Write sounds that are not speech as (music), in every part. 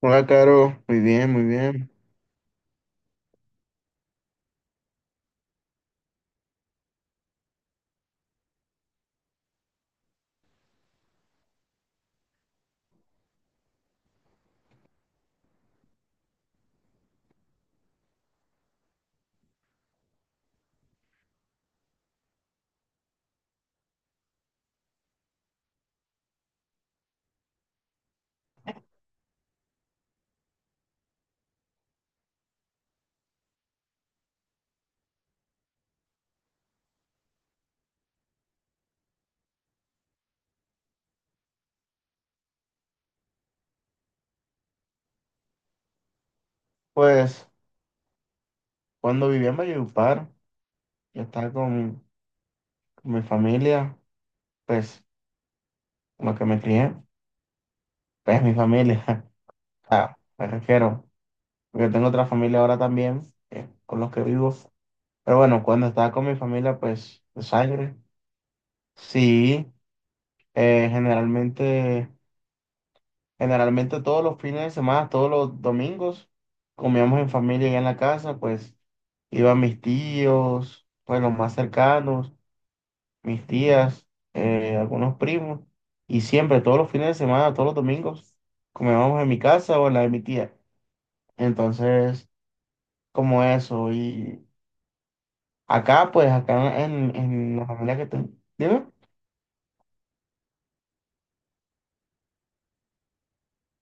Hola, Caro. Muy bien, muy bien. Pues cuando vivía en Valledupar, yo estaba con mi familia, pues con la que me crié, pues mi familia, (laughs) ah, me refiero, porque tengo otra familia ahora también, con los que vivo. Pero bueno, cuando estaba con mi familia, pues de sangre, sí, eh, generalmente, generalmente todos los fines de semana, todos los domingos, comíamos en familia y en la casa, pues iban mis tíos, pues los más cercanos, mis tías, algunos primos, y siempre, todos los fines de semana, todos los domingos, comíamos en mi casa o en la de mi tía. Entonces, como eso, y acá, pues, acá en la familia que tengo, dime,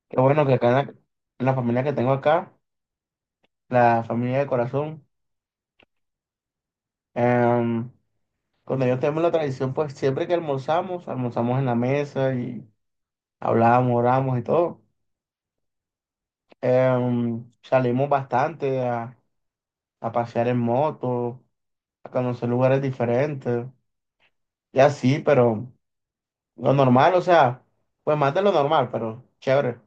qué bueno que acá en la familia que tengo acá, la familia de corazón, em, cuando yo tengo la tradición, pues, siempre que almorzamos, almorzamos en la mesa y hablábamos, oramos y todo. Salimos bastante a pasear en moto, a conocer lugares diferentes y así, pero lo normal, o sea, pues más de lo normal, pero chévere.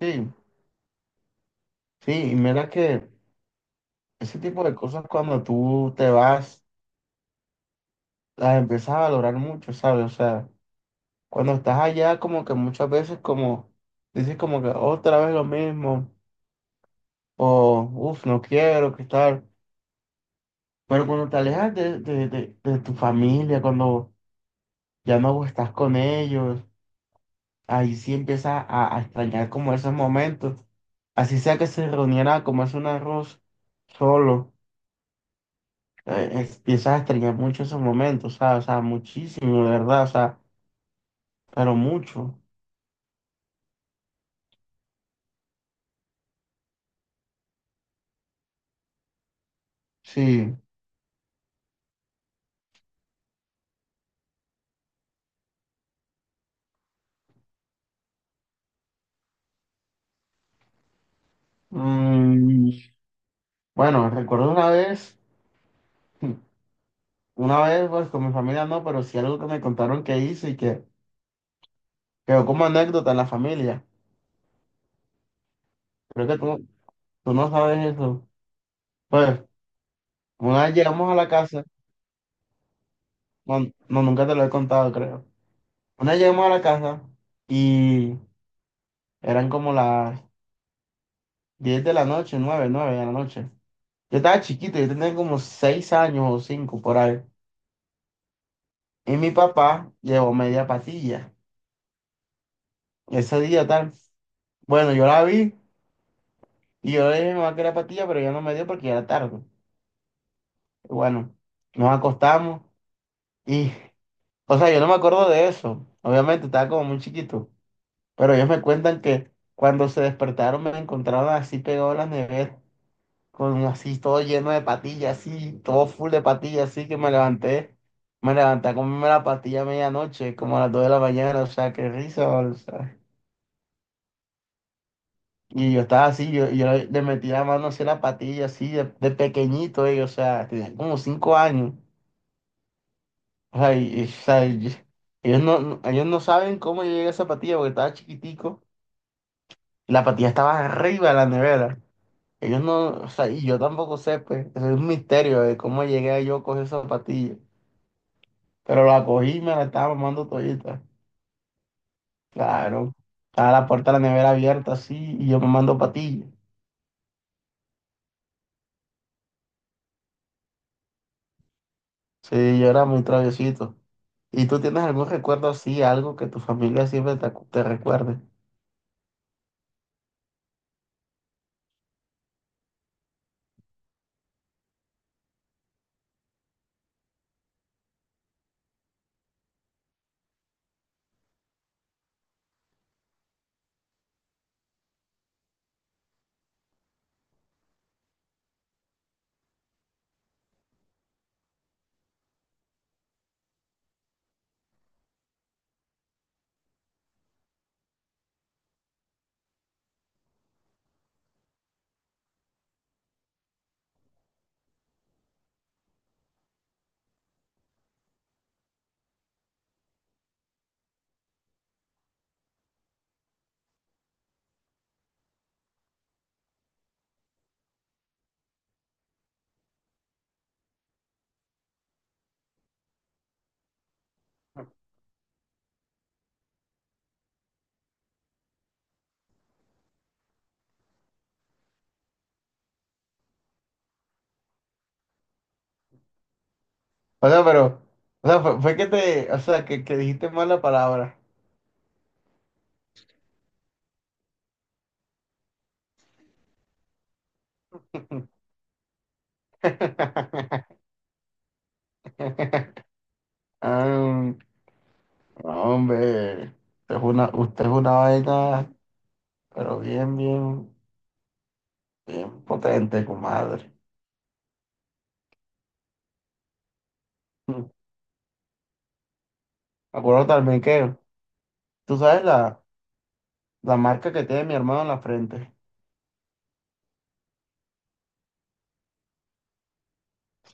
Sí, sí, y mira que ese tipo de cosas cuando tú te vas, las empiezas a valorar mucho, ¿sabes? O sea, cuando estás allá como que muchas veces como dices como que otra vez lo mismo, o uff, no quiero, qué tal. Pero cuando te alejas de tu familia, cuando ya no estás con ellos, ahí sí empieza a extrañar como esos momentos. Así sea que se reuniera a comerse un arroz solo, empiezas a extrañar mucho esos momentos, ¿sabes? O sea, muchísimo, de verdad, o sea, pero mucho, sí. Mm, bueno, recuerdo una vez, (laughs) una vez, pues con mi familia no, pero sí algo que me contaron que hice y que quedó como anécdota en la familia. Creo que tú no sabes eso. Pues, una vez llegamos a la casa, no, no, nunca te lo he contado, creo. Una vez llegamos a la casa y eran como las 10 de la noche, nueve de la noche. Yo estaba chiquito, yo tenía como 6 años o 5 por ahí. Y mi papá llevó media patilla. Ese día tal. Bueno, yo la vi y yo le dije a mi mamá que era patilla, pero ya no me dio porque ya era tarde. Y bueno, nos acostamos y, o sea, yo no me acuerdo de eso. Obviamente estaba como muy chiquito, pero ellos me cuentan que cuando se despertaron me encontraron así pegado a la nevera, con así todo lleno de patillas, así, todo full de patillas, así que me levanté, a comerme la pastilla a medianoche, como a las 2 de la mañana, o sea, qué risa, o sea. Y yo estaba así, yo le metí la mano así a la patilla, así, de pequeñito, ellos, o sea, tenía como 5 años, o sea, ellos ellos no saben cómo yo llegué a esa patilla, porque estaba chiquitico, y la patilla estaba arriba de la nevera. Ellos no, o sea, y yo tampoco sé, pues, es un misterio de cómo llegué yo a coger esa patilla. Pero la cogí y me la estaba mamando todita. Claro. Estaba la puerta de la nevera abierta así y yo mamando patillas. Sí, yo era muy traviesito. ¿Y tú tienes algún recuerdo así, algo que tu familia siempre te recuerde? O sea, pero, o sea, fue que te, o sea, que dijiste mal la palabra. (laughs) Ah, hombre, usted es una vaina, pero bien, bien, bien potente, comadre. (laughs) Me acuerdo también que, tú sabes la... La marca que tiene mi hermano en la frente.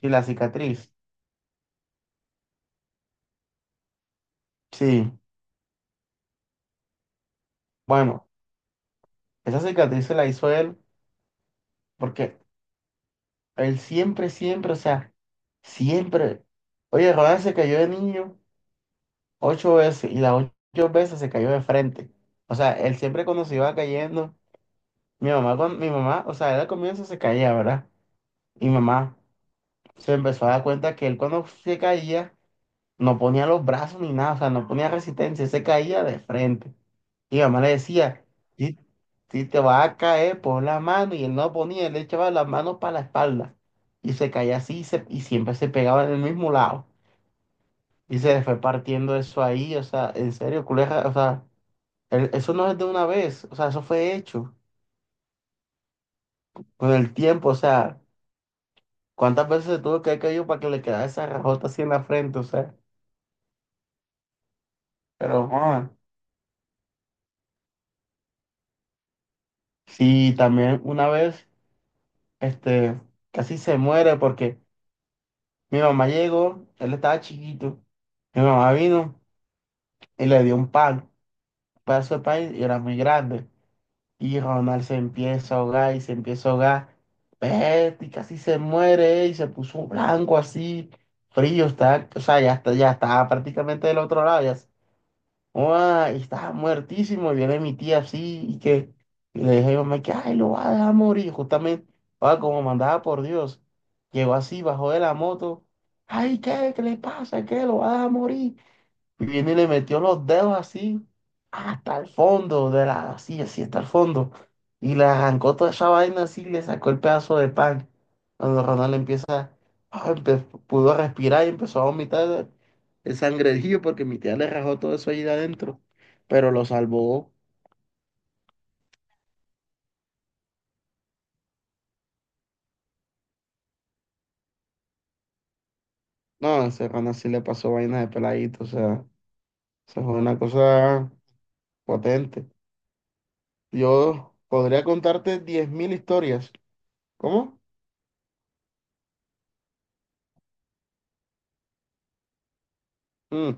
Y la cicatriz. Sí. Bueno, esa cicatriz se la hizo él porque él siempre, siempre, o sea, siempre. Oye, Ronald se cayó de niño 8 veces y las 8 veces se cayó de frente. O sea, él siempre cuando se iba cayendo, mi mamá, mi mamá, o sea, él al comienzo se caía, ¿verdad? Y mi mamá se empezó a dar cuenta que él cuando se caía no ponía los brazos ni nada, o sea, no ponía resistencia, se caía de frente. Y mi mamá le decía, si, si te vas a caer, pon la mano. Y él no ponía, él le echaba las manos para la espalda. Y se caía así y, y siempre se pegaba en el mismo lado. Y se le fue partiendo eso ahí. O sea, en serio, culeja. O sea, eso no es de una vez. O sea, eso fue hecho con el tiempo. O sea, ¿cuántas veces se tuvo que haber caído para que le quedara esa rajota así en la frente? O sea, pero, joder, sí, también una vez, este, casi se muere porque mi mamá llegó, él estaba chiquito. Mi mamá vino y le dio un pan, un pedazo de pan, y era muy grande. Y Ronald se empieza a ahogar y se empieza a ahogar. Vete, y casi se muere, y se puso blanco así, frío, está, o sea, ya está, ya estaba prácticamente del otro lado, ya. Oa, y estaba muertísimo. Y viene mi tía así y que, y le dije a mi mamá que, ay, lo va a dejar morir. Justamente, oa, como mandaba por Dios, llegó así, bajó de la moto. Ay, ¿qué? ¿Qué le pasa? ¿Qué? ¿Lo va a dejar morir? Y viene y le metió los dedos así hasta el fondo de la, así, así hasta el fondo. Y le arrancó toda esa vaina así y le sacó el pedazo de pan. Cuando Ronald empieza, ah, empe- pudo respirar y empezó a vomitar el sangrejío porque mi tía le rajó todo eso ahí de adentro. Pero lo salvó. No, ese Ronald sí le pasó vaina de peladito. O sea, eso fue una cosa potente. Yo podría contarte 10.000 historias. ¿Cómo? Mm,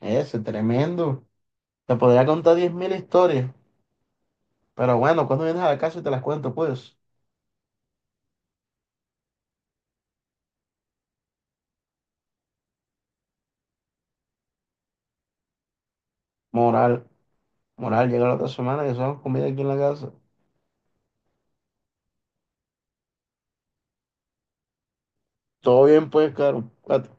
ese, tremendo. Te podría contar 10.000 historias, pero bueno, cuando vienes a la casa y te las cuento, pues. Moral, moral, llega la otra semana que hacemos comida aquí en la casa. Todo bien, pues, Caro. Cuídate.